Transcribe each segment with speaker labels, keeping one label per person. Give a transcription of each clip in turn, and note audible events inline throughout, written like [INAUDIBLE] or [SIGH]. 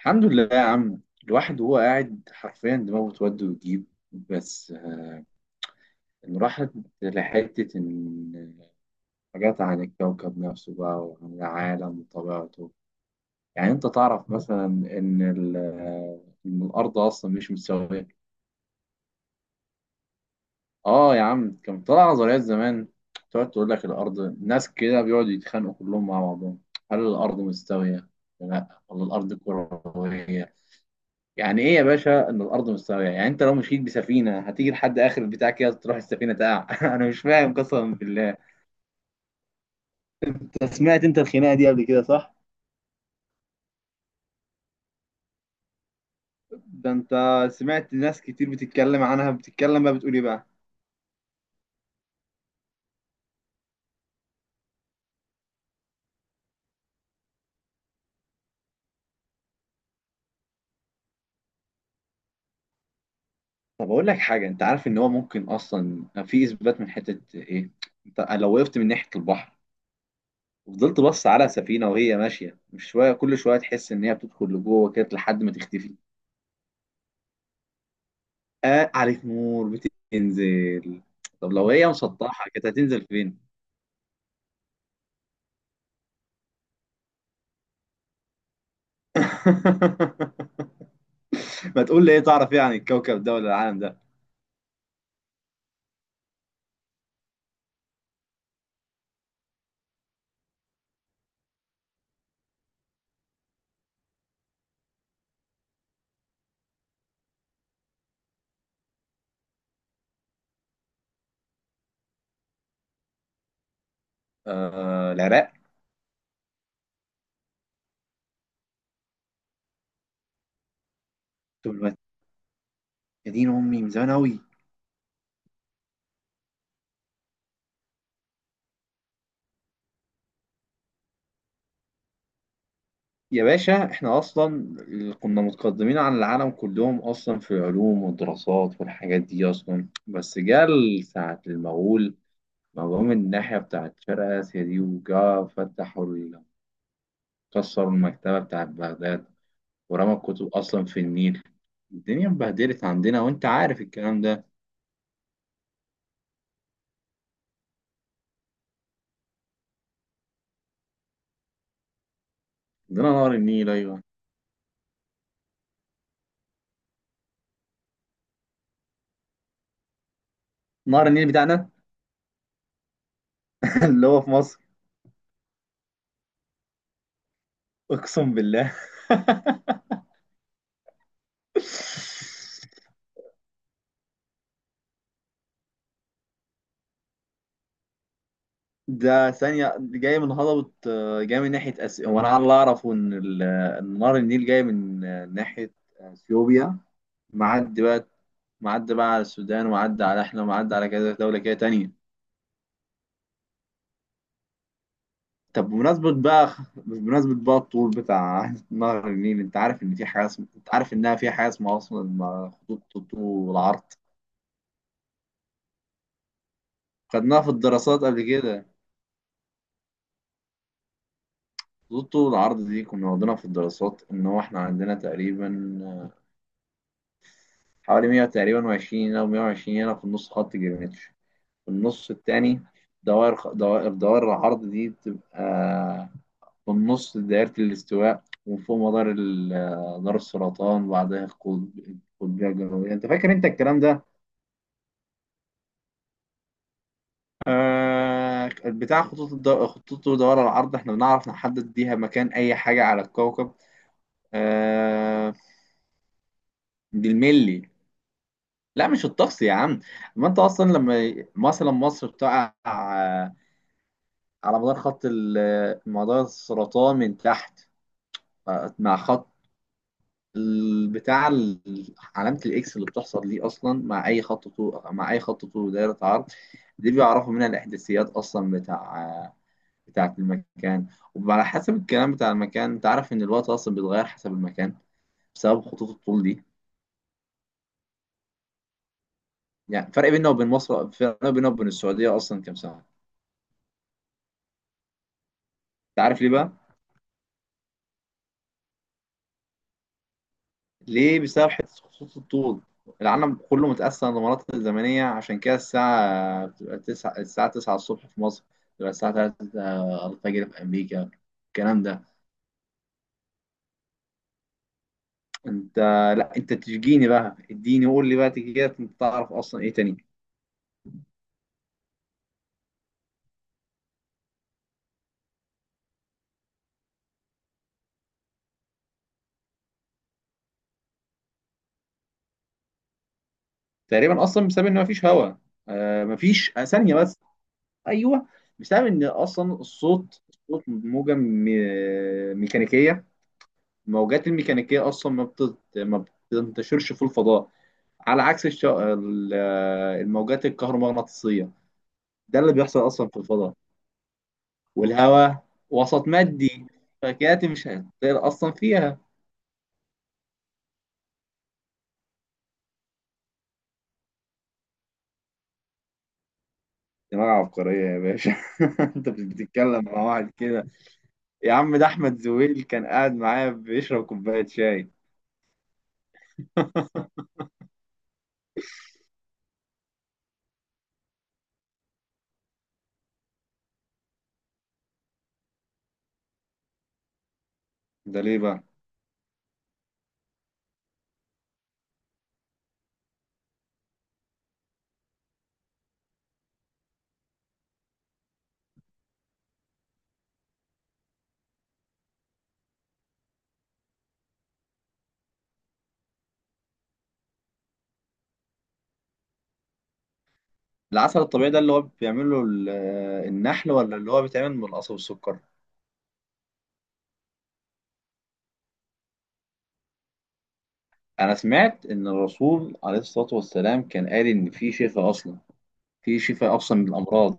Speaker 1: الحمد لله يا عم، الواحد وهو قاعد حرفيا دماغه تود وتجيب. بس إن راحت لحتة إن حاجات عن الكوكب نفسه بقى وعن العالم وطبيعته. يعني أنت تعرف مثلا إن إن الأرض أصلا مش مستوية. آه يا عم، كان طلع نظريات زمان تقعد تقول لك الأرض، ناس كده بيقعدوا يتخانقوا كلهم مع بعضهم. هل الأرض مستوية؟ ولا لا ولا الأرض كروية؟ يعني ايه يا باشا ان الارض مستويه؟ يعني انت لو مشيت بسفينه هتيجي لحد اخر البتاع كده تروح السفينه تقع [LAUGHS] انا مش فاهم قسما بالله. انت سمعت الخناقه دي قبل كده، صح؟ ده انت سمعت ناس كتير بتتكلم عنها، بتتكلم بقى بتقول ايه بقى. طب اقول لك حاجه، انت عارف ان هو ممكن اصلا في اثبات من حته ايه؟ انت لو وقفت من ناحيه البحر وفضلت بص على سفينه وهي ماشيه، مش شويه كل شويه تحس ان هي بتدخل لجوه كده لحد ما تختفي. آه، عليك نور. بتنزل. طب لو هي مسطحه كانت هتنزل فين؟ [LAUGHS] ما تقول لي ايه تعرف ايه عن الكوكب ده ولا العالم ده. آه، العراق. طب ما- يا دين امي، من زمان قوي. يا باشا احنا اصلا كنا متقدمين عن العالم كلهم اصلا في العلوم والدراسات والحاجات دي اصلا، بس جه ساعة المغول، ما جم من الناحية بتاعت شرق آسيا دي وجا كسروا المكتبة بتاعت بغداد. ورمى الكتب أصلا في النيل. الدنيا اتبهدلت عندنا وأنت عارف الكلام ده. عندنا نهر النيل، أيوه. نهر النيل بتاعنا. [LAUGHS] اللي هو في مصر. اقسم بالله [LAUGHS] ده ثانية جاي من هضبة، جاي من ناحية هو أنا على اللي أعرفه إن إن نهر النيل جاي من ناحية أثيوبيا. معدي بقى، معدي بقى على السودان ومعدي على إحنا ومعدي على كذا دولة كده تانية. طب بمناسبة بقى، بمناسبة بقى الطول بتاع [LAUGHS] نهر النيل، أنت عارف إن في حاجة أنت عارف إنها في حاجة اسمها أصلا خطوط الطول والعرض؟ خدناها في الدراسات قبل كده. خطوط طول العرض دي كنا واخدينها في الدراسات، ان هو احنا عندنا تقريبا حوالي 100 تقريبا و20 هنا و120 هنا في النص خط جرينتش، في النص التاني. دوائر خ- دوائر دوائر العرض دي بتبقى في النص دائرة الاستواء، ومن فوق مدار دار السرطان، وبعدها القطبية الجنوبية. انت فاكر انت الكلام ده؟ بتاع خطوط خطوط ودوائر العرض احنا بنعرف نحدد بيها مكان اي حاجة على الكوكب. آه، بالملي. لا مش الطقس يا عم. ما انت اصلا لما مثلا مصر بتقع على مدار مدار السرطان من تحت. مع خط علامة الاكس اللي بتحصل دي اصلا مع اي خط طول، مع اي خط طول دايرة عرض. دي بيعرفوا منها الاحداثيات اصلا بتاعة المكان. وعلى حسب الكلام بتاع المكان، انت عارف ان الوقت اصلا بيتغير حسب المكان بسبب خطوط الطول دي. يعني فرق بيننا وبين مصر، فرق بيننا وبين السعودية اصلا كام سنة. انت عارف ليه بقى؟ ليه؟ بسبب حته خطوط الطول. العالم كله متقسم لمناطق زمنيه، عشان كده الساعه بتبقى تسعة الساعه 9 الصبح في مصر، بتبقى الساعه 3 الفجر في امريكا. الكلام ده. انت لا انت تشجيني بقى، اديني قول لي بقى كده، انت تعرف اصلا ايه تاني. تقريبا اصلا بسبب ان مفيش هواء. آه مفيش، ثانيه بس. ايوه. بسبب ان اصلا الصوت موجه ميكانيكيه. الموجات الميكانيكيه اصلا ما بتنتشرش في الفضاء، على عكس الموجات الكهرومغناطيسية. ده اللي بيحصل أصلا في الفضاء. والهواء وسط مادي، فكانت مش هتطير أصلا فيها. دماغ عبقرية يا باشا. [LAUGHS] أنت مش بتتكلم مع واحد كده. يا عم ده أحمد زويل كان قاعد معايا بيشرب كوباية شاي. [LAUGHS] ده ليه بقى؟ العسل الطبيعي ده اللي هو بيعمله النحل، ولا اللي هو بيتعمل من القصب والسكر؟ أنا سمعت إن الرسول عليه الصلاة والسلام كان قال إن في شفاء أصلا. في شفاء أصلا من الأمراض.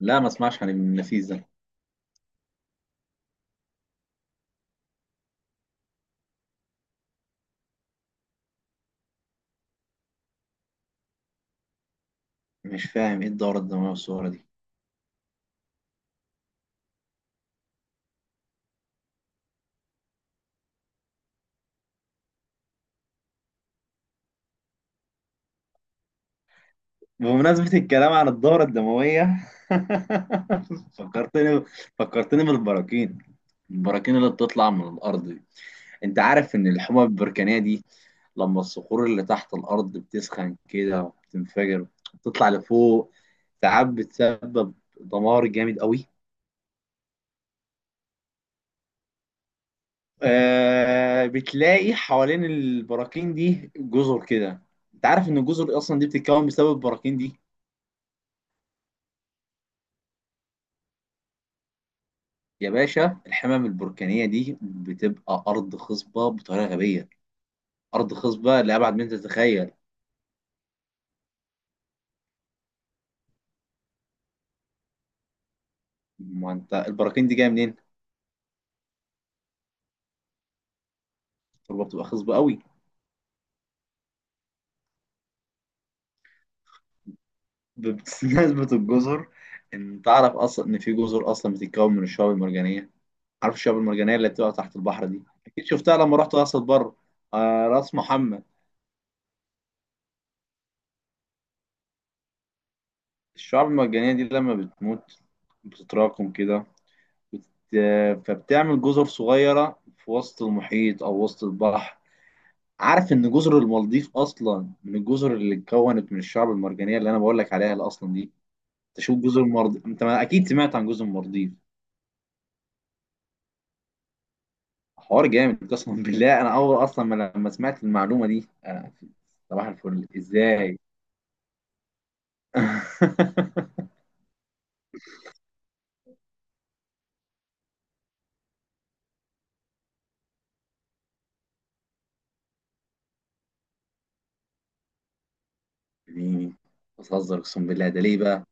Speaker 1: لا ما اسمعش عن ابن النفيس ده. مش فاهم ايه الدورة الدموية والصورة دي. بمناسبة الكلام عن الدورة الدموية [LAUGHS] فكرتني فكرتني بالبراكين. البراكين اللي بتطلع من الأرض دي، أنت عارف إن الحمم البركانية دي لما الصخور اللي تحت الأرض بتسخن كده وبتنفجر بتطلع لفوق، ساعات بتسبب دمار جامد قوي. آه، بتلاقي حوالين البراكين دي جزر كده. انت عارف ان الجزر اصلا دي بتتكون بسبب البراكين دي. يا باشا الحمم البركانية دي بتبقى أرض خصبة بطريقة غبية، أرض خصبة لأبعد من تتخيل. ما أنت البراكين دي جاية منين؟ التربة بتبقى خصبة قوي. [LAUGHS] نسبة الجزر. إن تعرف أصلا إن في جزر أصلا بتتكون من الشعاب المرجانية. عارف الشعاب المرجانية اللي بتبقى تحت البحر دي؟ أكيد شفتها لما رحت راس بره. آه، راس محمد. الشعاب المرجانية دي لما بتموت بتتراكم كده، بت... فبتعمل جزر صغيرة في وسط المحيط أو وسط البحر. عارف ان جزر المالديف اصلا من الجزر اللي اتكونت من الشعب المرجانيه اللي انا بقول لك عليها اللي اصلا دي. تشوف جزر المالديف، انت ما اكيد سمعت عن جزر المالديف. حوار جامد قسما [LAUGHS] بالله. انا اول اصلا ما لما سمعت المعلومه دي انا، صباح الفل ازاي. [LAUGHS] اديني، بتهزر اقسم بالله، ده ليه بقى.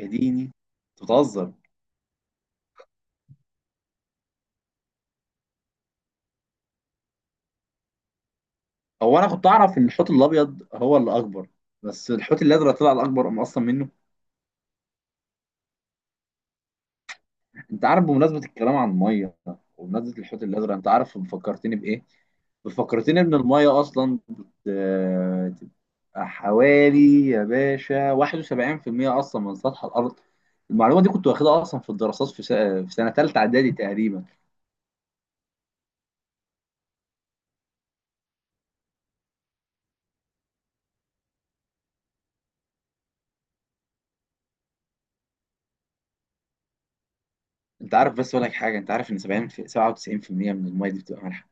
Speaker 1: اديني أنت بتهزر. هو انا كنت اعرف ان الحوت الابيض هو اللي اكبر، بس الحوت الازرق طلع الاكبر أم اصلا منه. انت عارف بمناسبه الكلام عن الميه وبمناسبه الحوت الازرق، انت عارف فكرتني بايه؟ فكرتني ان الميه اصلا بتبقى حوالي يا باشا 71% اصلا من سطح الارض. المعلومه دي كنت واخدها اصلا في الدراسات في سنة تالتة اعدادي تقريبا. انت عارف بس اقول لك حاجه، انت عارف ان 97% من الميه دي بتبقى مالحه.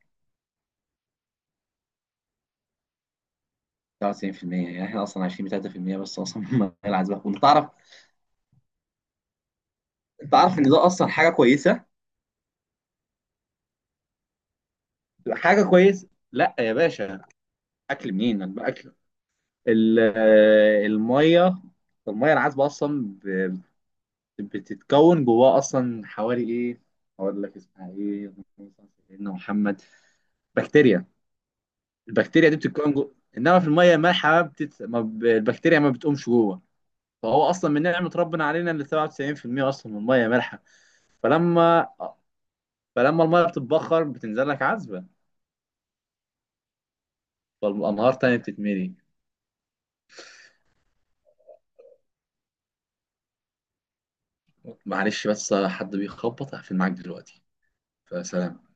Speaker 1: 97% يعني احنا اصلا عايشين ب 3% بس اصلا من الميه العذبه، وانت تعرف. انت عارف ان ده اصلا حاجه كويسه. حاجه كويس. لا يا باشا. اكل منين، اكل؟ ال- الميه، الميه العذبه اصلا بتتكون جواها اصلا حوالي ايه، اقول لك اسمها ايه، سيدنا محمد، بكتيريا. البكتيريا دي بتتكون جوه، انما في الميه المالحه بتت... ما ب... البكتيريا ما بتقومش جوه. فهو اصلا من نعمه ربنا علينا ان 97% اصلا من الميه مالحه. فلما فلما الميه بتتبخر بتنزل لك عذبه، فالانهار تاني بتتملي. معلش بس حد بيخبط، هقفل معاك دلوقتي. فسلام.